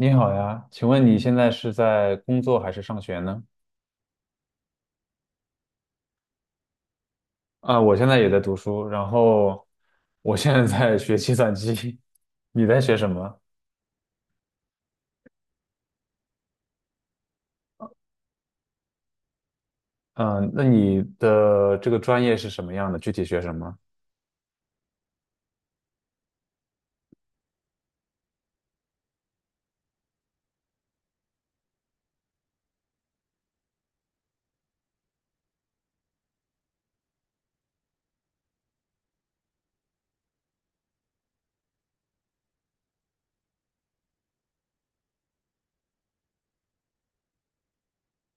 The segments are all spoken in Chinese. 你好呀，请问你现在是在工作还是上学呢？啊，我现在也在读书，然后我现在在学计算机。你在学什么？嗯，那你的这个专业是什么样的？具体学什么？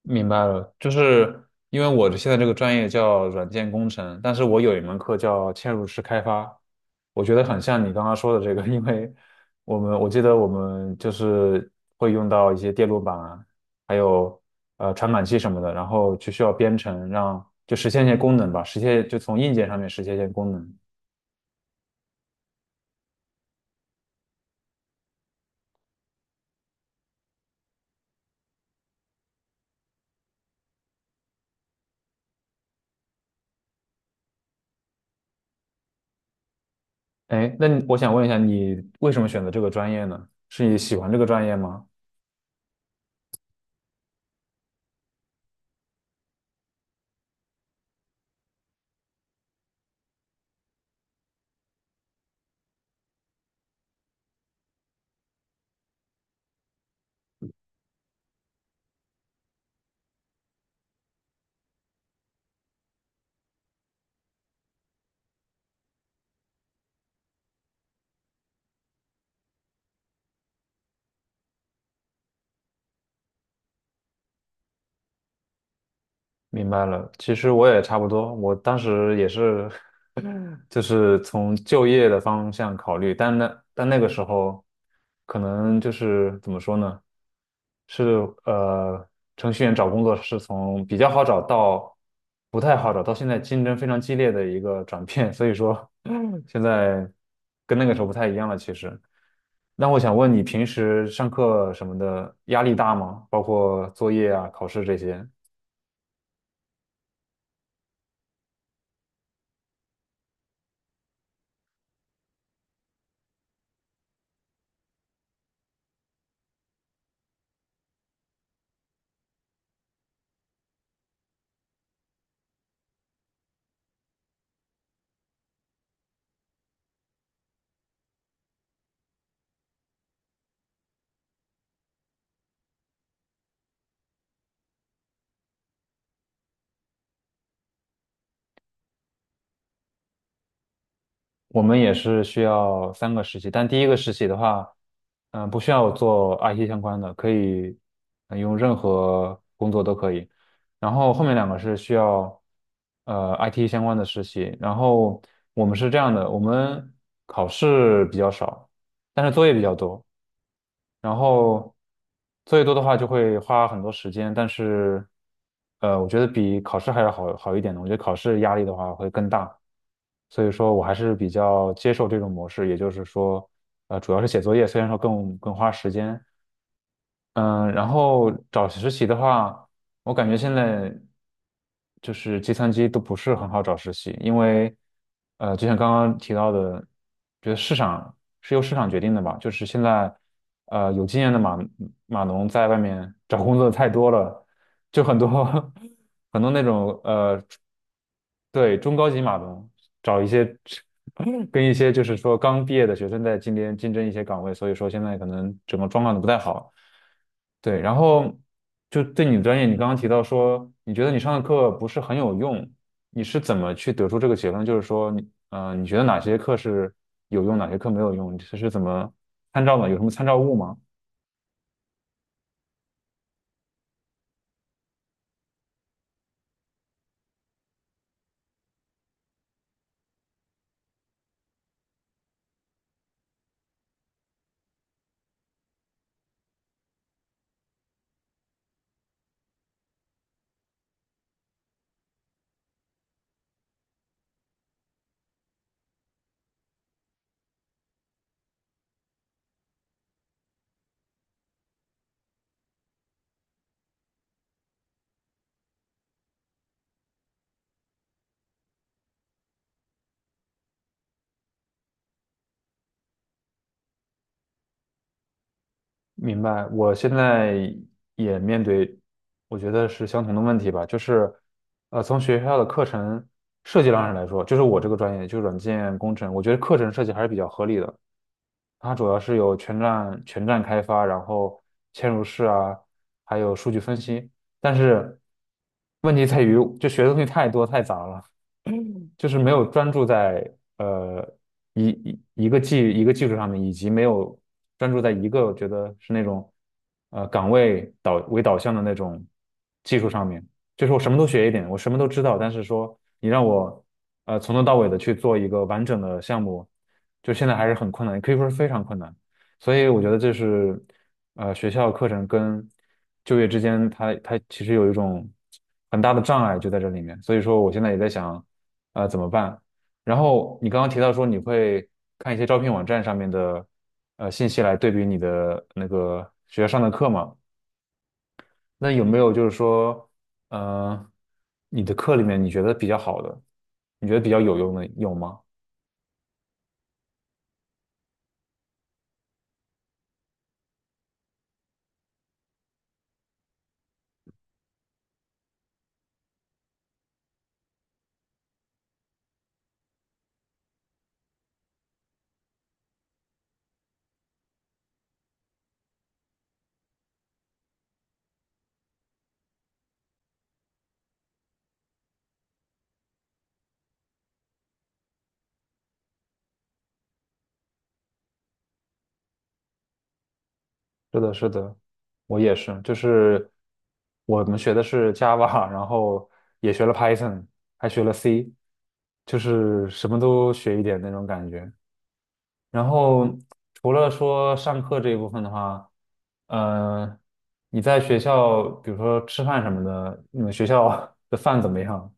明白了，就是因为我现在这个专业叫软件工程，但是我有一门课叫嵌入式开发，我觉得很像你刚刚说的这个。因为我记得我们就是会用到一些电路板啊，还有传感器什么的，然后就需要编程让就实现一些功能吧，实现就从硬件上面实现一些功能。哎，那你我想问一下，你为什么选择这个专业呢？是你喜欢这个专业吗？明白了，其实我也差不多，我当时也是。就是从就业的方向考虑，但那个时候，可能就是怎么说呢，是呃，程序员找工作是从比较好找到不太好找到现在竞争非常激烈的一个转变，所以说现在跟那个时候不太一样了，其实。那我想问你，平时上课什么的压力大吗？包括作业啊、考试这些。我们也是需要三个实习，但第一个实习的话，不需要做 IT 相关的，可以用任何工作都可以。然后后面两个是需要IT 相关的实习。然后我们是这样的，我们考试比较少，但是作业比较多。然后作业多的话就会花很多时间，但是我觉得比考试还要好一点的。我觉得考试压力的话会更大，所以说我还是比较接受这种模式，也就是说，主要是写作业，虽然说更花时间。嗯，然后找实习的话，我感觉现在就是计算机都不是很好找实习。因为就像刚刚提到的，觉得市场是由市场决定的吧，就是现在有经验的码农在外面找工作的太多了，就很多 很多那种对，中高级码农找一些 跟一些就是说刚毕业的学生在竞争一些岗位，所以说现在可能整个状况都不太好。对，然后就对你的专业，你刚刚提到说，你觉得你上的课不是很有用，你是怎么去得出这个结论？就是说你，你觉得哪些课是有用，哪些课没有用？你这是怎么参照的？有什么参照物吗？明白，我现在也面对，我觉得是相同的问题吧，就是，从学校的课程设计上来说，就是我这个专业就是软件工程，我觉得课程设计还是比较合理的。它主要是有全站开发，然后嵌入式啊，还有数据分析。但是问题在于，就学的东西太多太杂了。就是没有专注在呃一个技术上面，以及没有专注在一个我觉得是那种岗位导向的那种技术上面。就是我什么都学一点，我什么都知道，但是说你让我从头到尾的去做一个完整的项目。就现在还是很困难，可以说是非常困难。所以我觉得这是学校课程跟就业之间它，它其实有一种很大的障碍就在这里面。所以说我现在也在想，怎么办？然后你刚刚提到说你会看一些招聘网站上面的信息来对比你的那个学校上的课嘛？那有没有就是说，呃，你的课里面你觉得比较好的，你觉得比较有用的有吗？是的，是的，我也是，就是我们学的是 Java,然后也学了 Python,还学了 C,就是什么都学一点那种感觉。然后除了说上课这一部分的话，呃，你在学校，比如说吃饭什么的，你们学校 的饭怎么样？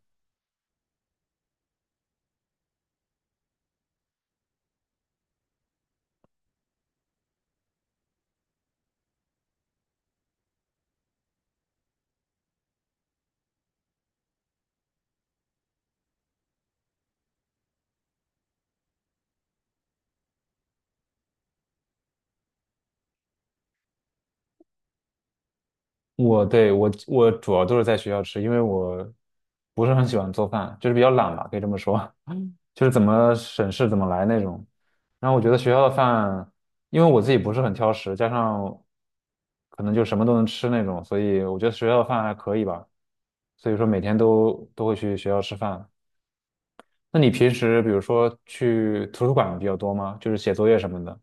我对我我主要都是在学校吃，因为我不是很喜欢做饭，就是比较懒吧，可以这么说。就是怎么省事怎么来那种。然后我觉得学校的饭，因为我自己不是很挑食，加上可能就什么都能吃那种，所以我觉得学校的饭还可以吧。所以说每天都会去学校吃饭。那你平时比如说去图书馆比较多吗？就是写作业什么的。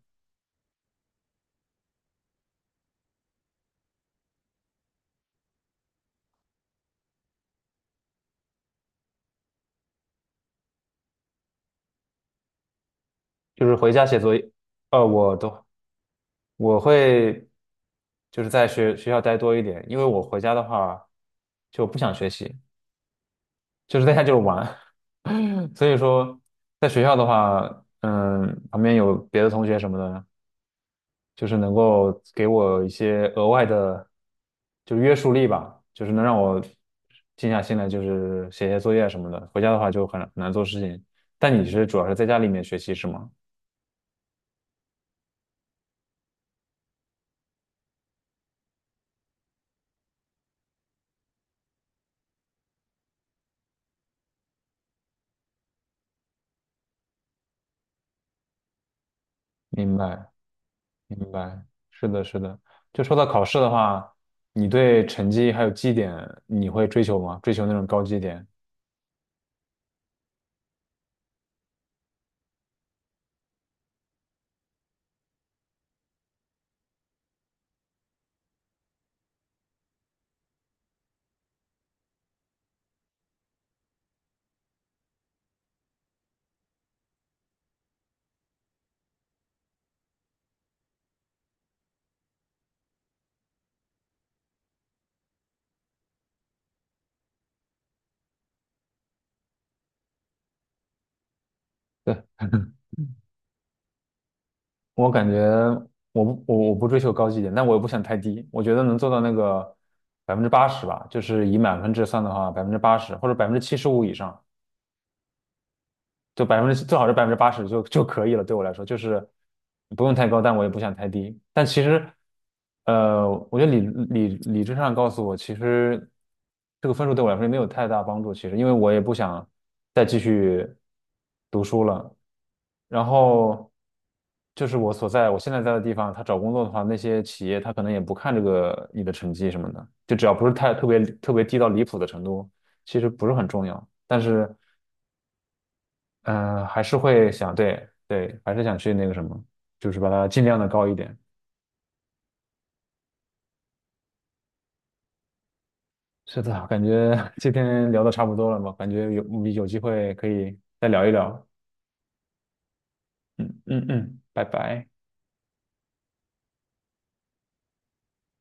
就是回家写作业，呃，我都我会就是在学校待多一点，因为我回家的话就不想学习，就是在家就是玩。所以说在学校的话，嗯，旁边有别的同学什么的，就是能够给我一些额外的就约束力吧，就是能让我静下心来，就是写写作业什么的。回家的话就很难做事情，但你是主要是在家里面学习是吗？明白。明白，是的，是的。就说到考试的话，你对成绩还有绩点，你会追求吗？追求那种高绩点？对，我感觉我不追求高绩点，但我也不想太低。我觉得能做到那个百分之八十吧，就是以满分制算的话，百分之八十或者75%以上，就百分之最好是百分之八十就可以了，对我来说就是不用太高，但我也不想太低。但其实，我觉得理智上告诉我，其实这个分数对我来说也没有太大帮助。其实，因为我也不想再继续读书了。然后就是我现在在的地方，他找工作的话，那些企业他可能也不看这个你的成绩什么的，就只要不是太特别特别低到离谱的程度，其实不是很重要。但是还是会想，对对，还是想去那个什么，就是把它尽量的高一点。是的，感觉 今天聊的差不多了嘛，感觉有机会可以再聊一聊。嗯嗯嗯，拜拜。